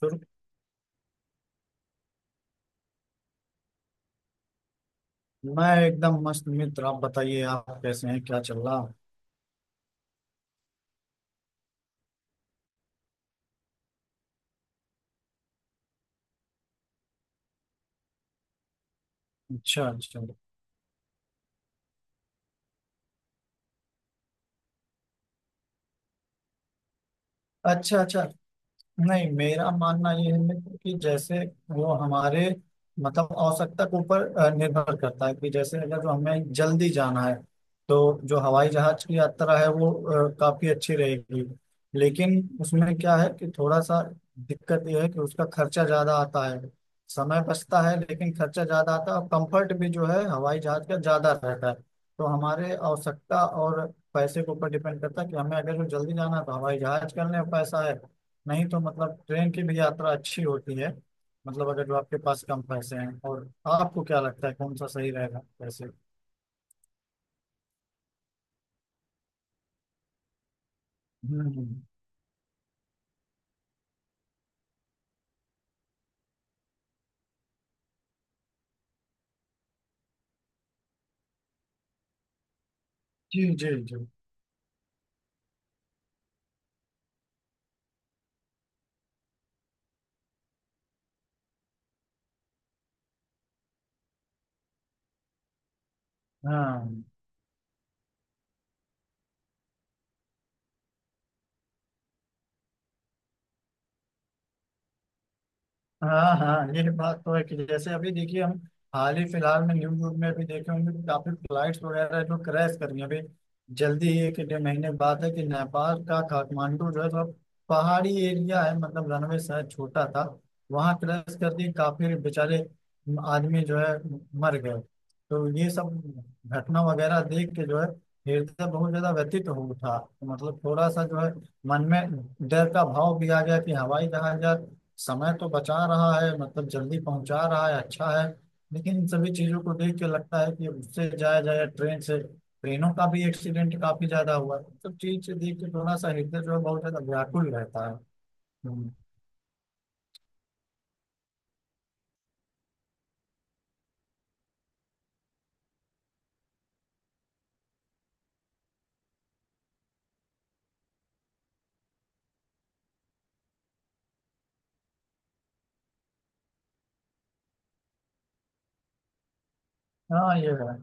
फिर। मैं एकदम मस्त मित्र। आप बताइए, आप कैसे हैं, क्या चल रहा? अच्छा अच्छा। अच्छा अच्छा। नहीं, मेरा मानना यह है मित्र कि जैसे वो हमारे मतलब आवश्यकता के ऊपर निर्भर करता है कि जैसे अगर जो हमें जल्दी जाना है तो जो हवाई जहाज की यात्रा है वो काफी अच्छी रहेगी। लेकिन उसमें क्या है कि थोड़ा सा दिक्कत यह है कि उसका खर्चा ज्यादा आता है। समय बचता है लेकिन खर्चा ज्यादा आता है, और कंफर्ट भी जो है हवाई जहाज का ज्यादा रहता है। तो हमारे आवश्यकता और पैसे के ऊपर डिपेंड करता है कि हमें अगर जो जल्दी जाना है तो हवाई जहाज करने में पैसा है। नहीं तो मतलब ट्रेन की भी यात्रा अच्छी होती है। मतलब अगर जो आपके पास कम पैसे हैं, और आपको क्या लगता है कौन सा सही रहेगा पैसे। हम्म हम्म। जी जी जी। हाँ हाँ हाँ। ये बात तो है कि जैसे अभी देखिए हम हाल ही फिलहाल में न्यूज व्यूज में भी देखे होंगे कि काफी फ्लाइट्स वगैरह जो क्रैश कर रही हैं अभी। जल्दी ही एक डेढ़ महीने बाद है कि नेपाल का काठमांडू जो है तो पहाड़ी एरिया है, मतलब रनवे शायद छोटा था, वहाँ क्रैश कर दी। काफी बेचारे आदमी जो है मर गए। तो ये सब घटना वगैरह देख के जो है हृदय बहुत ज्यादा व्यथित हो उठा। मतलब थोड़ा सा जो है मन में डर का भाव भी आ गया कि हवाई जहाज यार, समय तो बचा रहा है, मतलब जल्दी पहुंचा रहा है, अच्छा है। लेकिन इन सभी चीजों को देख के लगता है कि उससे जाया जाए ट्रेन से। ट्रेनों का भी एक्सीडेंट काफी ज्यादा हुआ है, सब चीज से देख के थोड़ा सा हृदय जो है बहुत ज्यादा व्याकुल रहता है। हम्म। हाँ, ये है।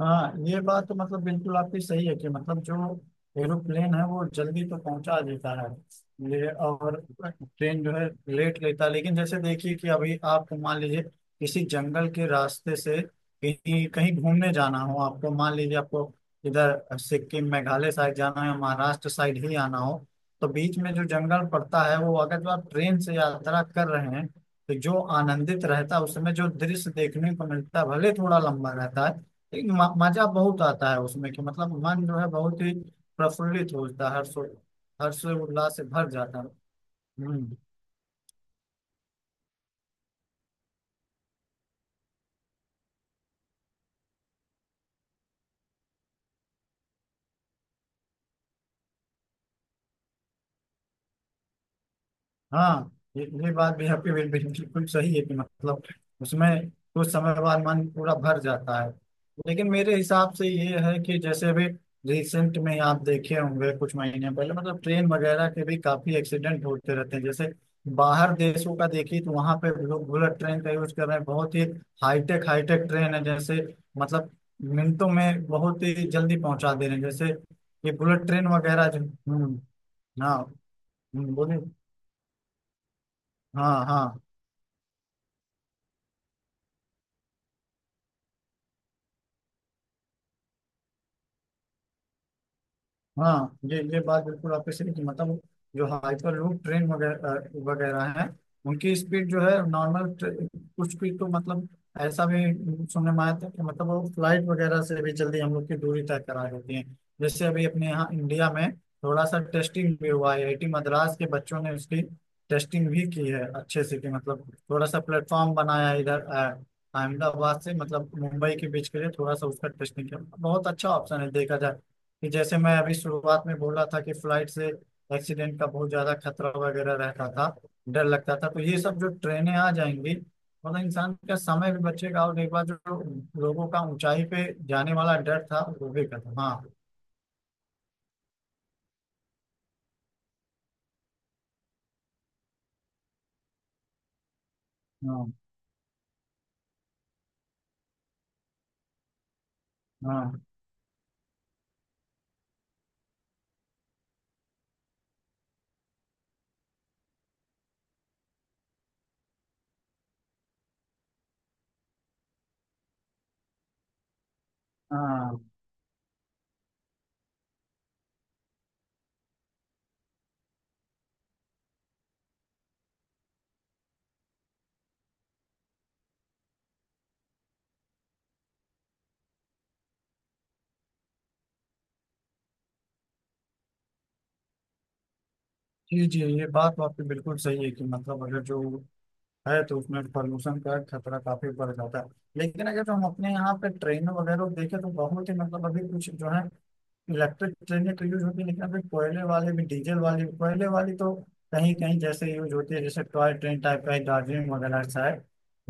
हाँ, ये बात तो मतलब बिल्कुल आपकी सही है कि मतलब जो एरोप्लेन है वो जल्दी तो पहुंचा देता है। ले, और ट्रेन जो है लेट लेता है। लेकिन जैसे देखिए कि अभी आप मान लीजिए किसी जंगल के रास्ते से कहीं कहीं घूमने जाना हो, आपको मान लीजिए आपको इधर सिक्किम मेघालय साइड जाना है, महाराष्ट्र साइड ही आना हो, तो बीच में जो जंगल पड़ता है वो अगर जो आप ट्रेन से यात्रा कर रहे हैं तो जो आनंदित रहता है उस समय, जो दृश्य देखने को मिलता है भले थोड़ा लंबा रहता है। एक मजा बहुत आता है उसमें कि मतलब मन जो है बहुत ही प्रफुल्लित होता है, हर्ष हर्ष उल्लास से भर जाता है। हम्म। हाँ, ये बात भी आपकी बिल्कुल सही है कि मतलब उसमें कुछ समय बाद मन पूरा भर जाता है। लेकिन मेरे हिसाब से ये है कि जैसे अभी रिसेंट में आप देखे होंगे, कुछ महीने पहले मतलब ट्रेन वगैरह के भी काफी एक्सीडेंट होते रहते हैं। जैसे बाहर देशों का देखिए तो वहां पे लोग बुलेट ट्रेन का यूज कर रहे हैं, बहुत ही हाईटेक हाईटेक ट्रेन है। जैसे मतलब मिनटों में बहुत ही जल्दी पहुंचा दे रहे हैं। जैसे ये बुलेट ट्रेन वगैरह जो। हम्म। हाँ। बोलिए। हाँ हाँ। हाँ, ये बात बिल्कुल आपके सही कि मतलब जो हाइपर लूप ट्रेन वगैरह वगैरह हैं उनकी स्पीड जो है नॉर्मल कुछ भी तो मतलब ऐसा भी सुनने में आया था कि मतलब वो फ्लाइट वगैरह से भी जल्दी हम लोग की दूरी तय करा देती हैं। जैसे अभी अपने यहाँ इंडिया में थोड़ा सा टेस्टिंग भी हुआ है, आईआईटी मद्रास के बच्चों ने उसकी टेस्टिंग भी की है अच्छे से कि मतलब थोड़ा सा प्लेटफॉर्म बनाया है इधर अहमदाबाद से मतलब मुंबई के बीच के लिए थोड़ा सा उसका टेस्टिंग किया। बहुत अच्छा ऑप्शन है, देखा जाए कि जैसे मैं अभी शुरुआत में बोला था कि फ्लाइट से एक्सीडेंट का बहुत ज्यादा खतरा वगैरह रहता था, डर लगता था, तो ये सब जो ट्रेनें आ जाएंगी मतलब इंसान का समय भी बचेगा, और एक बार जो लोगों का ऊंचाई पे जाने वाला डर था वो भी खत्म। हाँ हाँ हाँ हाँ। जी जी, ये बात तो आपकी बिल्कुल सही है कि मतलब अगर जो है तो उसमें पॉल्यूशन का खतरा काफी बढ़ जाता है। लेकिन अगर जो हम अपने यहाँ पे ट्रेनों वगैरह देखें तो बहुत ही मतलब अभी कुछ जो है इलेक्ट्रिक ट्रेनें तो यूज होती है। लेकिन अभी कोयले वाले भी, डीजल वाली भी। कोयले वाली तो कहीं कहीं जैसे यूज होती है, जैसे टॉय ट्रेन टाइप का है दार्जिलिंग वगैरह शायद,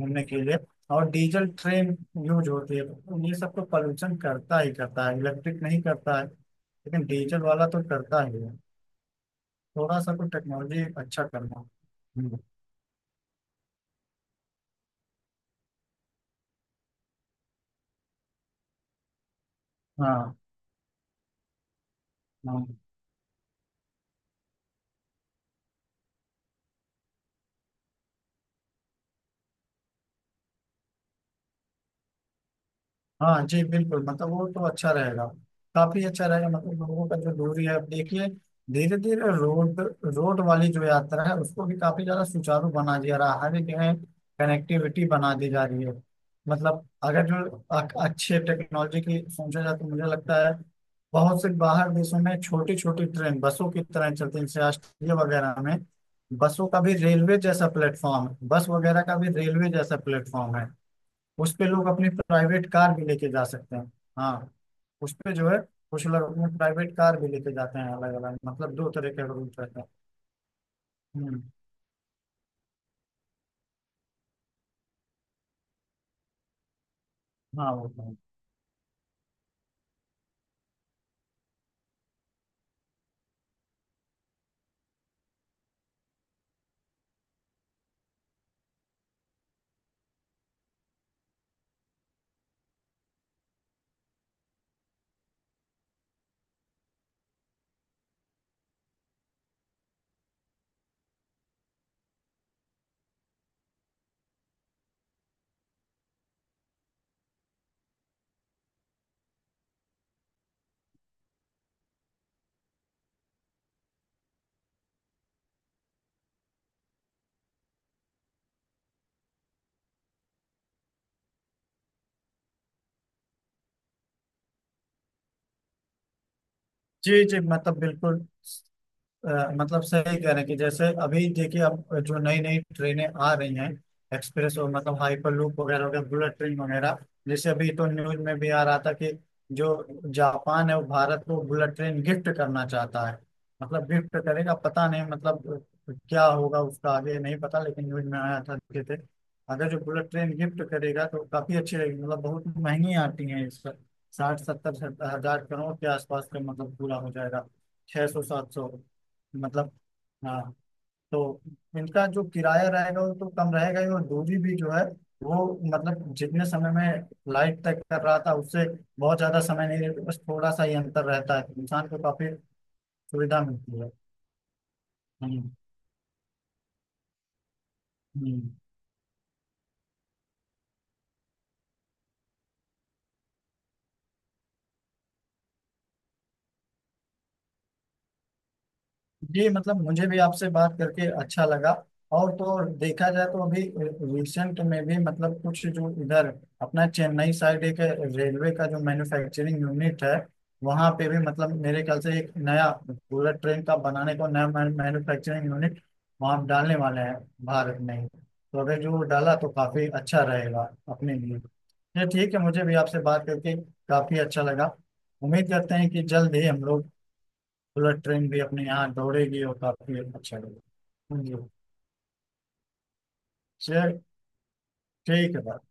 घूमने के लिए। और डीजल ट्रेन यूज होती है तो ये सब तो पॉल्यूशन करता ही करता है। इलेक्ट्रिक नहीं करता है लेकिन डीजल वाला तो करता ही है। थोड़ा सा तो टेक्नोलॉजी अच्छा करना। हम्म। हाँ हाँ। हाँ जी, बिल्कुल। मतलब वो तो अच्छा रहेगा, काफी अच्छा रहेगा। मतलब लोगों का जो दूरी है, अब देखिए धीरे धीरे रोड रोड वाली जो यात्रा है उसको भी काफी ज्यादा सुचारू बना दिया रहा, हर एक जगह कनेक्टिविटी बना दी जा रही है। मतलब अगर जो अच्छे टेक्नोलॉजी की सोचा जाए तो मुझे लगता है बहुत से बाहर देशों में छोटी छोटी ट्रेन बसों की तरह चलती है, जैसे ऑस्ट्रेलिया वगैरह में। बसों का भी रेलवे जैसा प्लेटफॉर्म, बस वगैरह का भी रेलवे जैसा प्लेटफॉर्म है। उस पे लोग अपनी प्राइवेट कार भी लेके जा सकते हैं। हाँ, उस पे जो है कुछ लोग अपनी प्राइवेट कार भी लेके जाते हैं। अलग अलग मतलब दो तरह के रूल्स रहते हैं। हम्म। हाँ, वो तो है। जी जी, मतलब बिल्कुल मतलब सही कह रहे हैं कि जैसे अभी देखिए अब जो नई नई ट्रेनें आ रही हैं, एक्सप्रेस और मतलब हाइपरलूप वगैरह वगैरह, बुलेट ट्रेन वगैरह। जैसे अभी तो न्यूज में भी आ रहा था कि जो जापान है वो भारत को बुलेट ट्रेन गिफ्ट करना चाहता है। मतलब गिफ्ट करेगा पता नहीं, मतलब क्या होगा उसका आगे नहीं पता, लेकिन न्यूज में आया था देखे थे। अगर जो बुलेट ट्रेन गिफ्ट करेगा तो काफी अच्छी रहेगी। मतलब बहुत महंगी आती है, इस 60-70 हजार करोड़ के आसपास का मतलब पूरा हो जाएगा। 600-700 मतलब। हाँ। तो इनका जो किराया रहेगा वो तो कम रहेगा ही, और दूरी भी जो है वो मतलब जितने समय में फ्लाइट तय कर रहा था उससे बहुत ज्यादा समय नहीं रहता, बस थोड़ा सा ही अंतर रहता है। इंसान को काफी सुविधा मिलती है। हम्म हम्म। जी मतलब मुझे भी आपसे बात करके अच्छा लगा। और तो और देखा जाए तो अभी रिसेंट में भी मतलब कुछ जो इधर अपना चेन्नई साइड एक रेलवे का जो मैन्युफैक्चरिंग यूनिट है, वहाँ पे भी मतलब मेरे ख्याल से एक नया बुलेट ट्रेन का बनाने को, नया मैन्युफैक्चरिंग यूनिट वहाँ डालने वाले हैं भारत में ही। तो अगर जो डाला तो काफी अच्छा रहेगा अपने लिए। ये ठीक है, मुझे भी आपसे बात करके काफी अच्छा लगा। उम्मीद करते हैं कि जल्द ही हम लोग बुलेट ट्रेन भी अपने यहाँ दौड़ेगी और काफी अच्छा लगेगा। हाँ जी। चल ठीक है भाई।